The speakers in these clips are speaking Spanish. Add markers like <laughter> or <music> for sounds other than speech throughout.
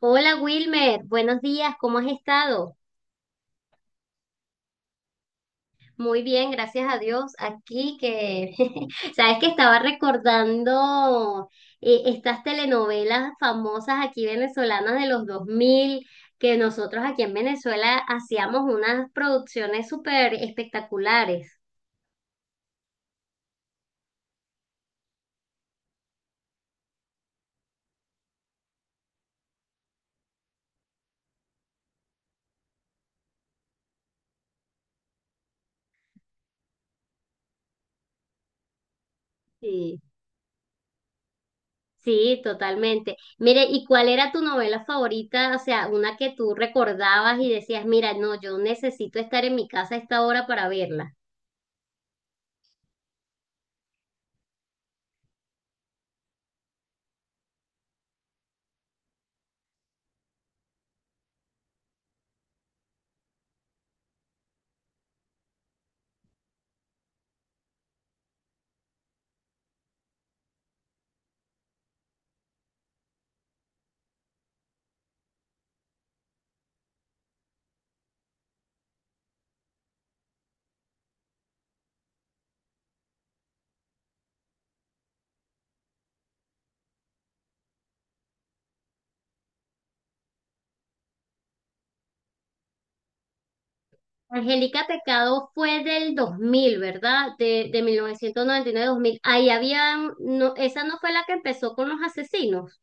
Hola Wilmer, buenos días, ¿cómo has estado? Muy bien, gracias a Dios. Aquí que, <laughs> sabes que estaba recordando estas telenovelas famosas aquí venezolanas de los 2000 que nosotros aquí en Venezuela hacíamos unas producciones súper espectaculares. Sí, sí, totalmente. Mire, ¿y cuál era tu novela favorita? O sea, una que tú recordabas y decías, mira, no, yo necesito estar en mi casa a esta hora para verla. Angélica Pecado fue del 2000, ¿verdad? De 1999 a 2000. Ahí había, no, esa no fue la que empezó con los asesinos,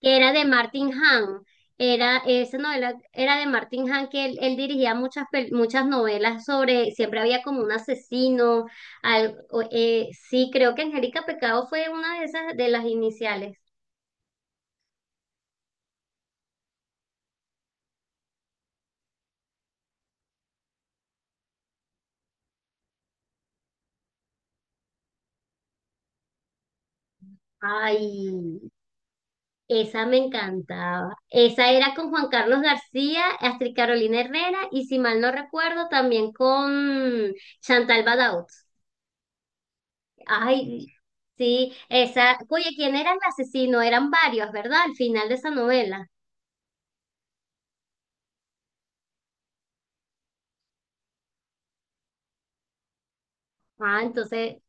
que era de Martin Hahn. Era, esa novela era de Martin Hahn, que él dirigía muchas, muchas novelas sobre, siempre había como un asesino. Sí, creo que Angélica Pecado fue una de esas, de las iniciales. Ay. Esa me encantaba. Esa era con Juan Carlos García, Astrid Carolina Herrera y si mal no recuerdo también con Chantal Badaud. Ay, mm, sí, esa. Oye, ¿quién era el asesino? Eran varios, ¿verdad? Al final de esa novela. Ah, entonces.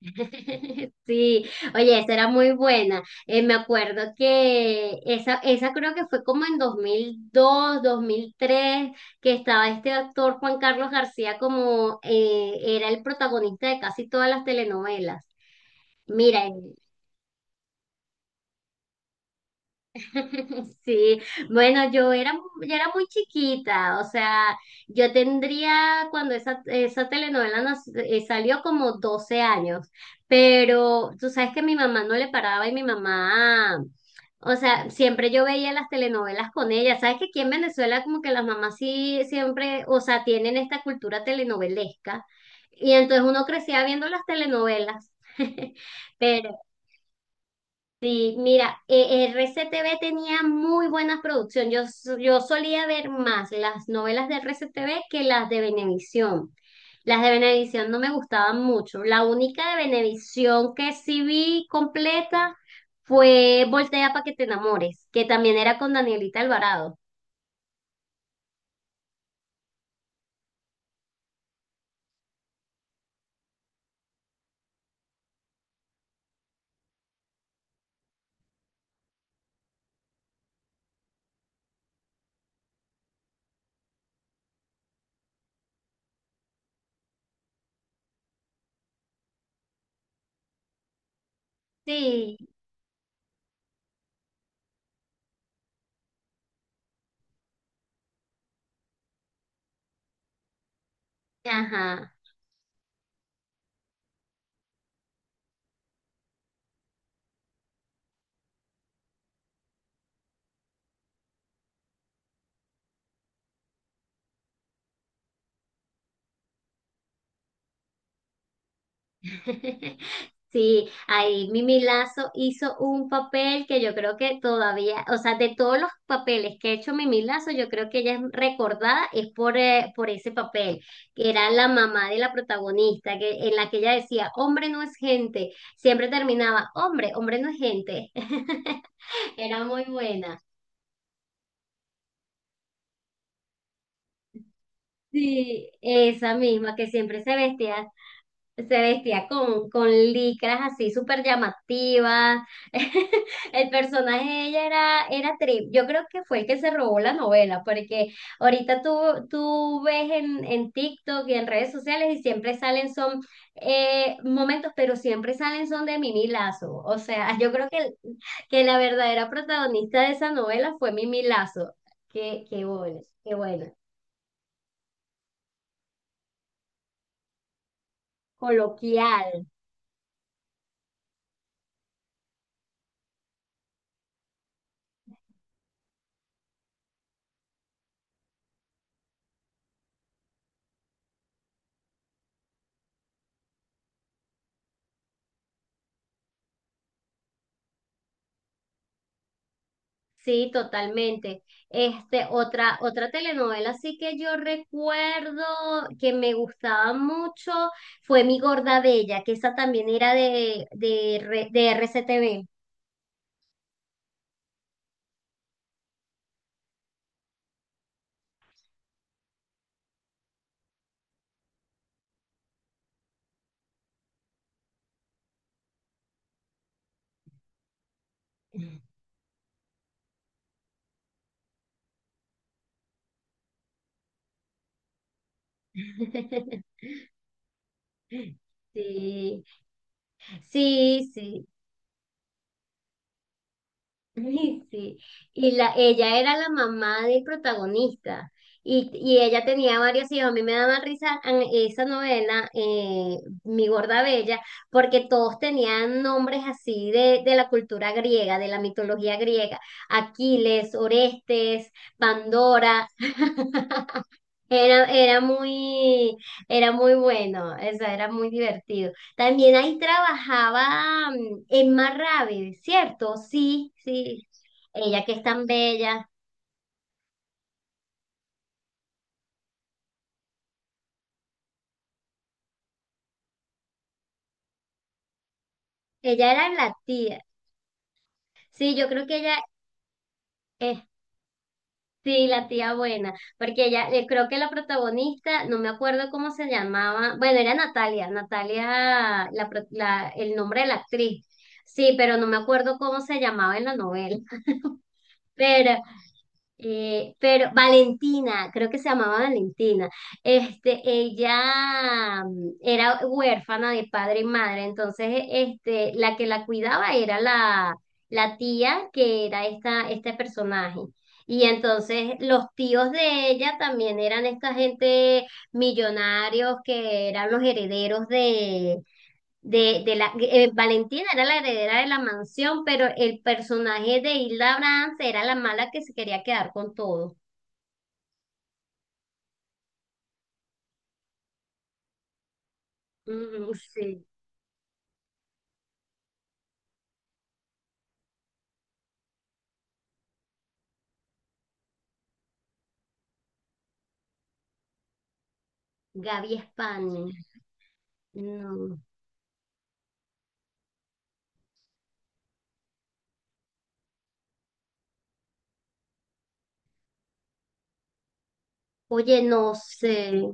<laughs> Sí, oye, esa era muy buena. Me acuerdo que esa creo que fue como en 2002, dos mil tres, que estaba este actor Juan Carlos García como era el protagonista de casi todas las telenovelas. Mira, <laughs> sí, bueno, yo era muy chiquita, o sea, yo tendría cuando esa telenovela salió como 12 años, pero tú sabes que mi mamá no le paraba y mi mamá, o sea, siempre yo veía las telenovelas con ella. Sabes que aquí en Venezuela como que las mamás sí siempre, o sea, tienen esta cultura telenovelesca, y entonces uno crecía viendo las telenovelas. <laughs> Pero sí, mira, RCTV tenía muy buenas producciones. Yo, yo solía ver más las novelas de RCTV que las de Venevisión. Las de Venevisión no me gustaban mucho. La única de Venevisión que sí vi completa fue Voltea para que te enamores, que también era con Danielita Alvarado. Sí, ajá. <laughs> Sí, ahí Mimi Lazo hizo un papel que yo creo que todavía, o sea, de todos los papeles que ha hecho Mimi Lazo, yo creo que ella es recordada es por ese papel, que era la mamá de la protagonista, que, en la que ella decía, hombre no es gente, siempre terminaba, hombre, hombre no es gente. <laughs> Era muy buena. Sí, esa misma que siempre se vestía con, licras así súper llamativas. <laughs> El personaje de ella era Trip. Yo creo que fue el que se robó la novela, porque ahorita tú ves en, TikTok y en redes sociales, y siempre salen son momentos, pero siempre salen son de Mimi Lazo. O sea, <laughs> yo creo que la verdadera protagonista de esa novela fue Mimi Lazo. Qué bueno, qué bueno. Coloquial. Sí, totalmente. Este, otra telenovela así que yo recuerdo que me gustaba mucho fue Mi Gorda Bella, que esa también era de RCTV. <laughs> Sí, sí, sí. <laughs> Sí, ella era la mamá del protagonista y ella tenía varios hijos. A mí me daba risa en esa novela, Mi Gorda Bella, porque todos tenían nombres así de la cultura griega, de la mitología griega. Aquiles, Orestes, Pandora, era, era muy, era muy bueno, o sea, era muy divertido. También ahí trabajaba Emma Ravi, ¿cierto? Sí, sí. Ella que es tan bella. Ella era la tía. Sí, yo creo que ella es, sí, la tía buena, porque ella, creo que la protagonista, no me acuerdo cómo se llamaba, bueno, era Natalia, la, el nombre de la actriz. Sí, pero no me acuerdo cómo se llamaba en la novela. <laughs> Pero Valentina, creo que se llamaba Valentina, este, ella era huérfana de padre y madre. Entonces, este, la que la cuidaba era la tía, que era este personaje. Y entonces los tíos de ella también eran esta gente millonarios, que eran los herederos de la Valentina era la heredera de la mansión, pero el personaje de Hilda Brands era la mala, que se quería quedar con todo. Mm, sí, Gaby España. No. Oye, no sé.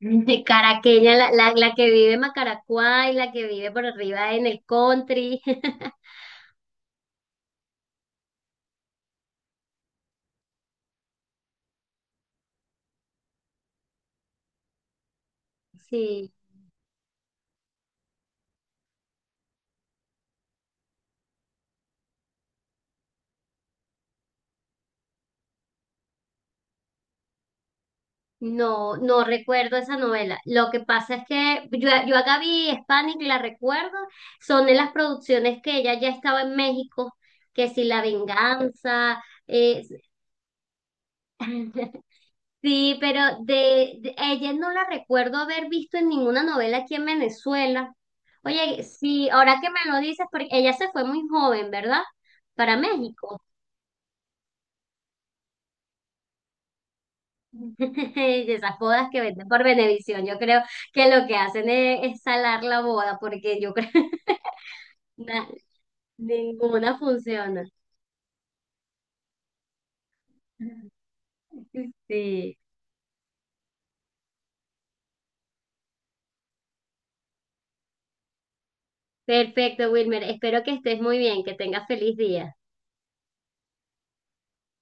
De Caraqueña, la que vive en Macaracuay, la que vive por arriba en el country. <laughs> Sí. No, no recuerdo esa novela. Lo que pasa es que yo a Gaby Spanik la recuerdo, son de las producciones que ella ya estaba en México, que si La Venganza, <laughs> sí, pero ella no la recuerdo haber visto en ninguna novela aquí en Venezuela. Oye, sí, ahora que me lo dices, porque ella se fue muy joven, ¿verdad? Para México. <laughs> De esas bodas que venden por Venevisión, yo creo que lo que hacen es salar la boda, porque yo creo. Na- ninguna funciona. <laughs> Sí. Perfecto, Wilmer. Espero que estés muy bien, que tengas feliz día.